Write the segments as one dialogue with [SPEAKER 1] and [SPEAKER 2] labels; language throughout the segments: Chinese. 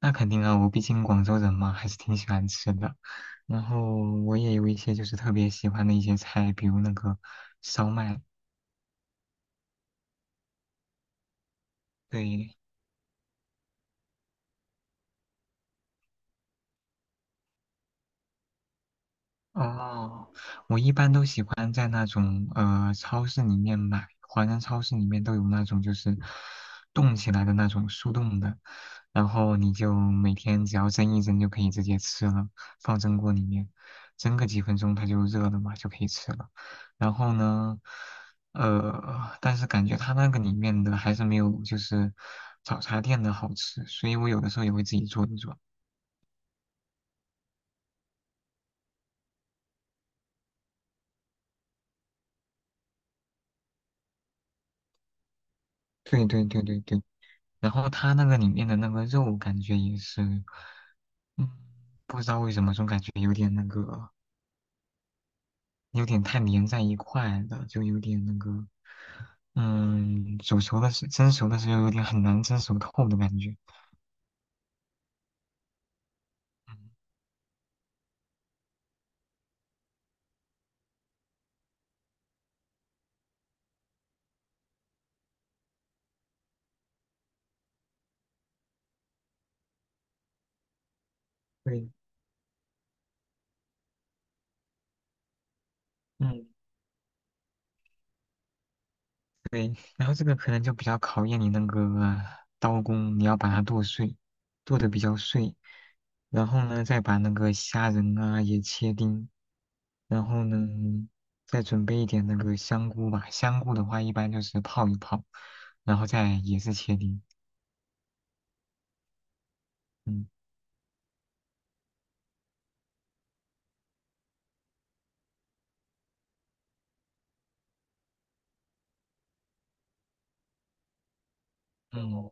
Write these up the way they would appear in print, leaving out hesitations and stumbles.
[SPEAKER 1] 那肯定啊，我毕竟广州人嘛，还是挺喜欢吃的。然后我也有一些就是特别喜欢的一些菜，比如那个烧麦，对，哦，我一般都喜欢在那种超市里面买，华人超市里面都有那种就是冻起来的那种速冻的，然后你就每天只要蒸一蒸就可以直接吃了，放蒸锅里面蒸个几分钟它就热了嘛，就可以吃了。然后呢，但是感觉它那个里面的还是没有就是早茶店的好吃，所以我有的时候也会自己做一做。对对对对对。然后它那个里面的那个肉感觉也是，嗯，不知道为什么总感觉有点那个，有点太粘在一块了，就有点那个，煮熟的时蒸熟的时候有点很难蒸熟透的感觉。嗯，对，嗯对，然后这个可能就比较考验你那个刀工，你要把它剁碎，剁得比较碎，然后呢再把那个虾仁啊也切丁。然后呢，再准备一点那个香菇吧。香菇的话，一般就是泡一泡，然后再也是切丁。嗯嗯，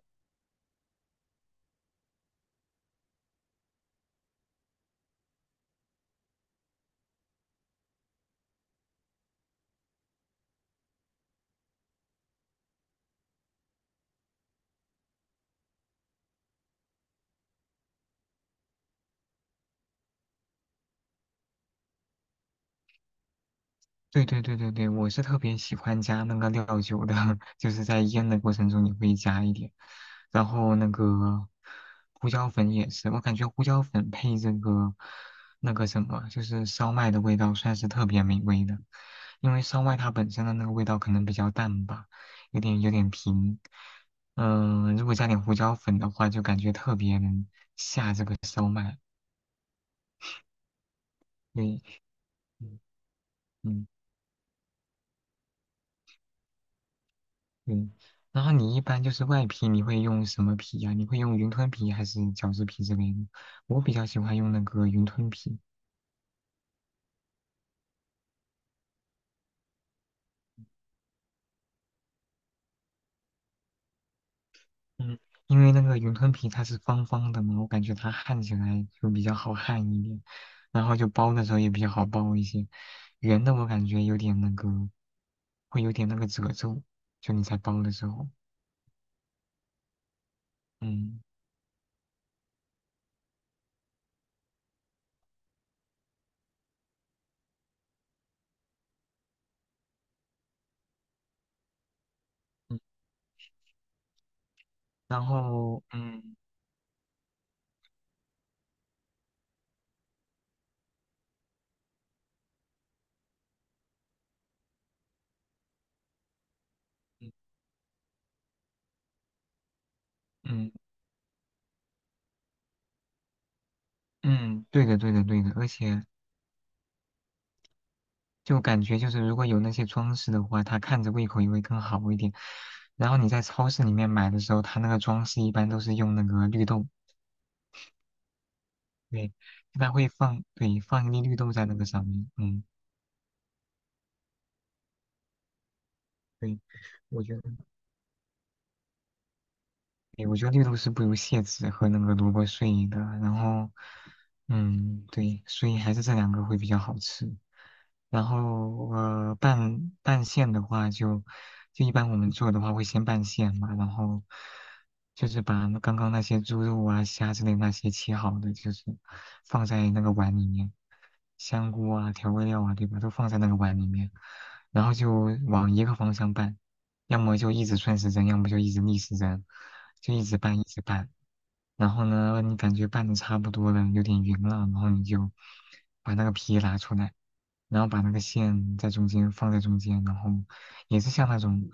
[SPEAKER 1] 对对对对对，我是特别喜欢加那个料酒的，就是在腌的过程中也会加一点，然后那个胡椒粉也是，我感觉胡椒粉配这个那个什么，就是烧麦的味道算是特别美味的，因为烧麦它本身的那个味道可能比较淡吧，有点平，如果加点胡椒粉的话，就感觉特别能下这个烧麦，对，嗯。嗯嗯，然后你一般就是外皮，你会用什么皮呀、你会用云吞皮还是饺子皮之类的？我比较喜欢用那个云吞皮，嗯，因为那个云吞皮它是方方的嘛，我感觉它焊起来就比较好焊一点，然后就包的时候也比较好包一些。圆的我感觉有点那个，会有点那个褶皱，就你在包的时候，嗯。嗯然后，嗯嗯嗯，嗯，对的对的对的，而且就感觉就是如果有那些装饰的话，它看着胃口也会更好一点。然后你在超市里面买的时候，它那个装饰一般都是用那个绿豆，对，一般会放，对，放一粒绿豆在那个上面，嗯，对，我觉得。对，我觉得绿豆是不如蟹籽和那个萝卜碎的，然后，嗯，对，所以还是这两个会比较好吃。然后，拌拌馅的话就，就一般我们做的话会先拌馅嘛，然后就是把那刚刚那些猪肉啊、虾之类那些切好的，就是放在那个碗里面，香菇啊、调味料啊，对吧，都放在那个碗里面，然后就往一个方向拌。要么就一直顺时针，要么就一直逆时针，就一直拌一直拌。然后呢，你感觉拌的差不多了，有点匀了，然后你就把那个皮拿出来，然后把那个馅在中间放在中间，然后也是像那种，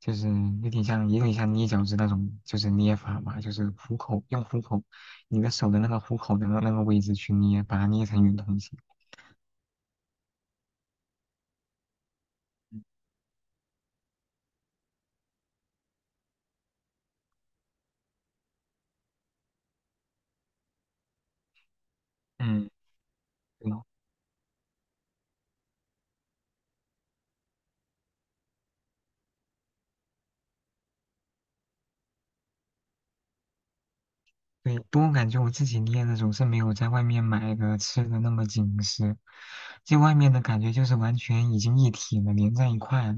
[SPEAKER 1] 就是有点像，也有点像捏饺子那种，就是捏法嘛，就是虎口，用虎口，你的手的那个虎口的那个位置去捏，把它捏成圆筒形。嗯，对对，不过我感觉我自己捏的总是没有在外面买的吃的那么紧实，就外面的感觉就是完全已经一体了，连在一块了。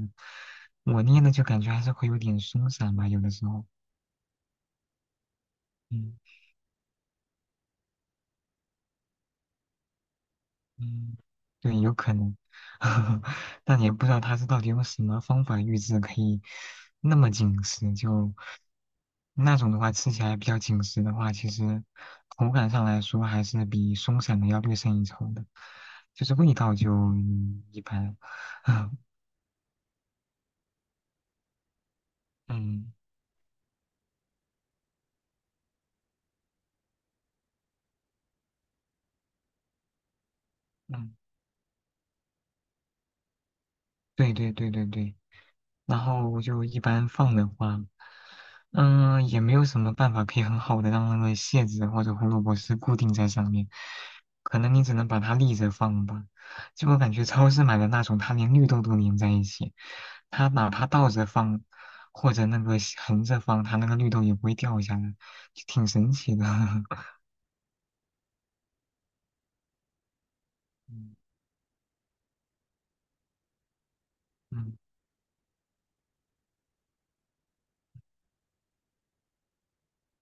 [SPEAKER 1] 我捏的就感觉还是会有点松散吧，有的时候。嗯嗯，对，有可能，但也不知道他是到底用什么方法预制可以那么紧实，就那种的话吃起来比较紧实的话，其实口感上来说还是比松散的要略胜一筹的，就是味道就一般。嗯嗯，对对对对对，然后我就一般放的话，也没有什么办法可以很好的让那个蟹子或者胡萝卜丝固定在上面，可能你只能把它立着放吧。就我感觉超市买的那种，它连绿豆都粘在一起，它哪怕倒着放或者那个横着放，它那个绿豆也不会掉下来，就挺神奇的。嗯嗯，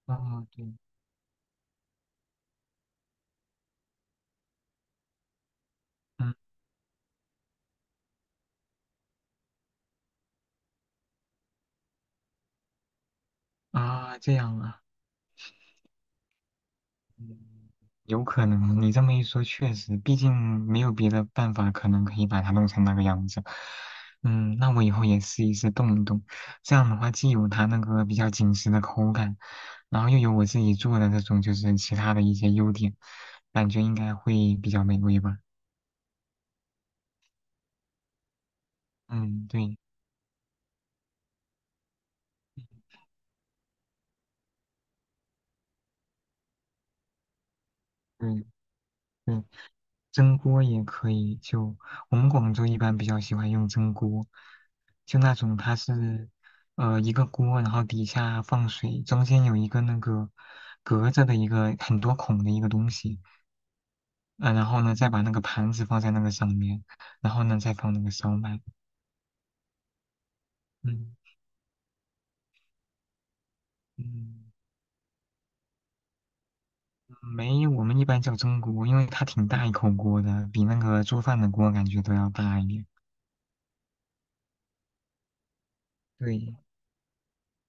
[SPEAKER 1] 哦对，嗯啊这样啊。有可能，你这么一说，确实，毕竟没有别的办法，可能可以把它弄成那个样子。那我以后也试一试动一动，这样的话既有它那个比较紧实的口感，然后又有我自己做的这种就是其他的一些优点，感觉应该会比较美味吧。嗯，对，嗯，对。蒸锅也可以，就我们广州一般比较喜欢用蒸锅，就那种它是一个锅，然后底下放水，中间有一个那个隔着的一个很多孔的一个东西，嗯、然后呢再把那个盘子放在那个上面，然后呢再放那个烧麦，嗯嗯，没，我们一般叫蒸锅，因为它挺大一口锅的，比那个做饭的锅感觉都要大一点。对，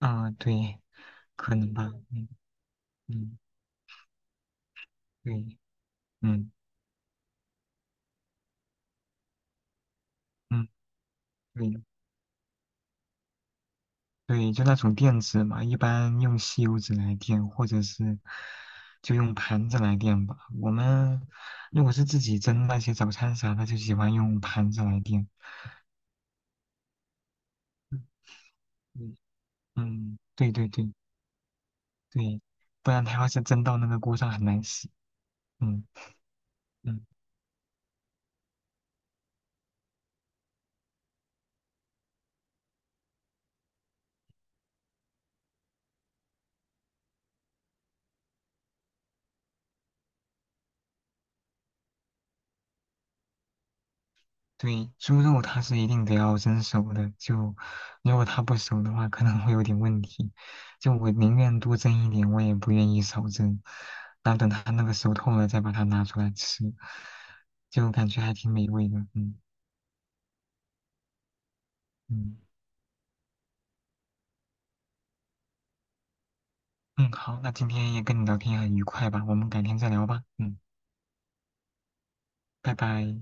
[SPEAKER 1] 啊、对，可能吧，嗯嗯，对。嗯。嗯，对对，就那种垫子嘛，一般用吸油纸来垫，或者是就用盘子来垫吧。我们如果是自己蒸那些早餐啥的，就喜欢用盘子来垫。嗯，嗯，嗯对对对对，不然它要是蒸到那个锅上很难洗。嗯嗯。对，猪肉它是一定得要蒸熟的，就如果它不熟的话，可能会有点问题。就我宁愿多蒸一点，我也不愿意少蒸。然后等它那个熟透了，再把它拿出来吃，就感觉还挺美味的。嗯嗯嗯，好，那今天也跟你聊天很愉快吧，我们改天再聊吧。嗯，拜拜。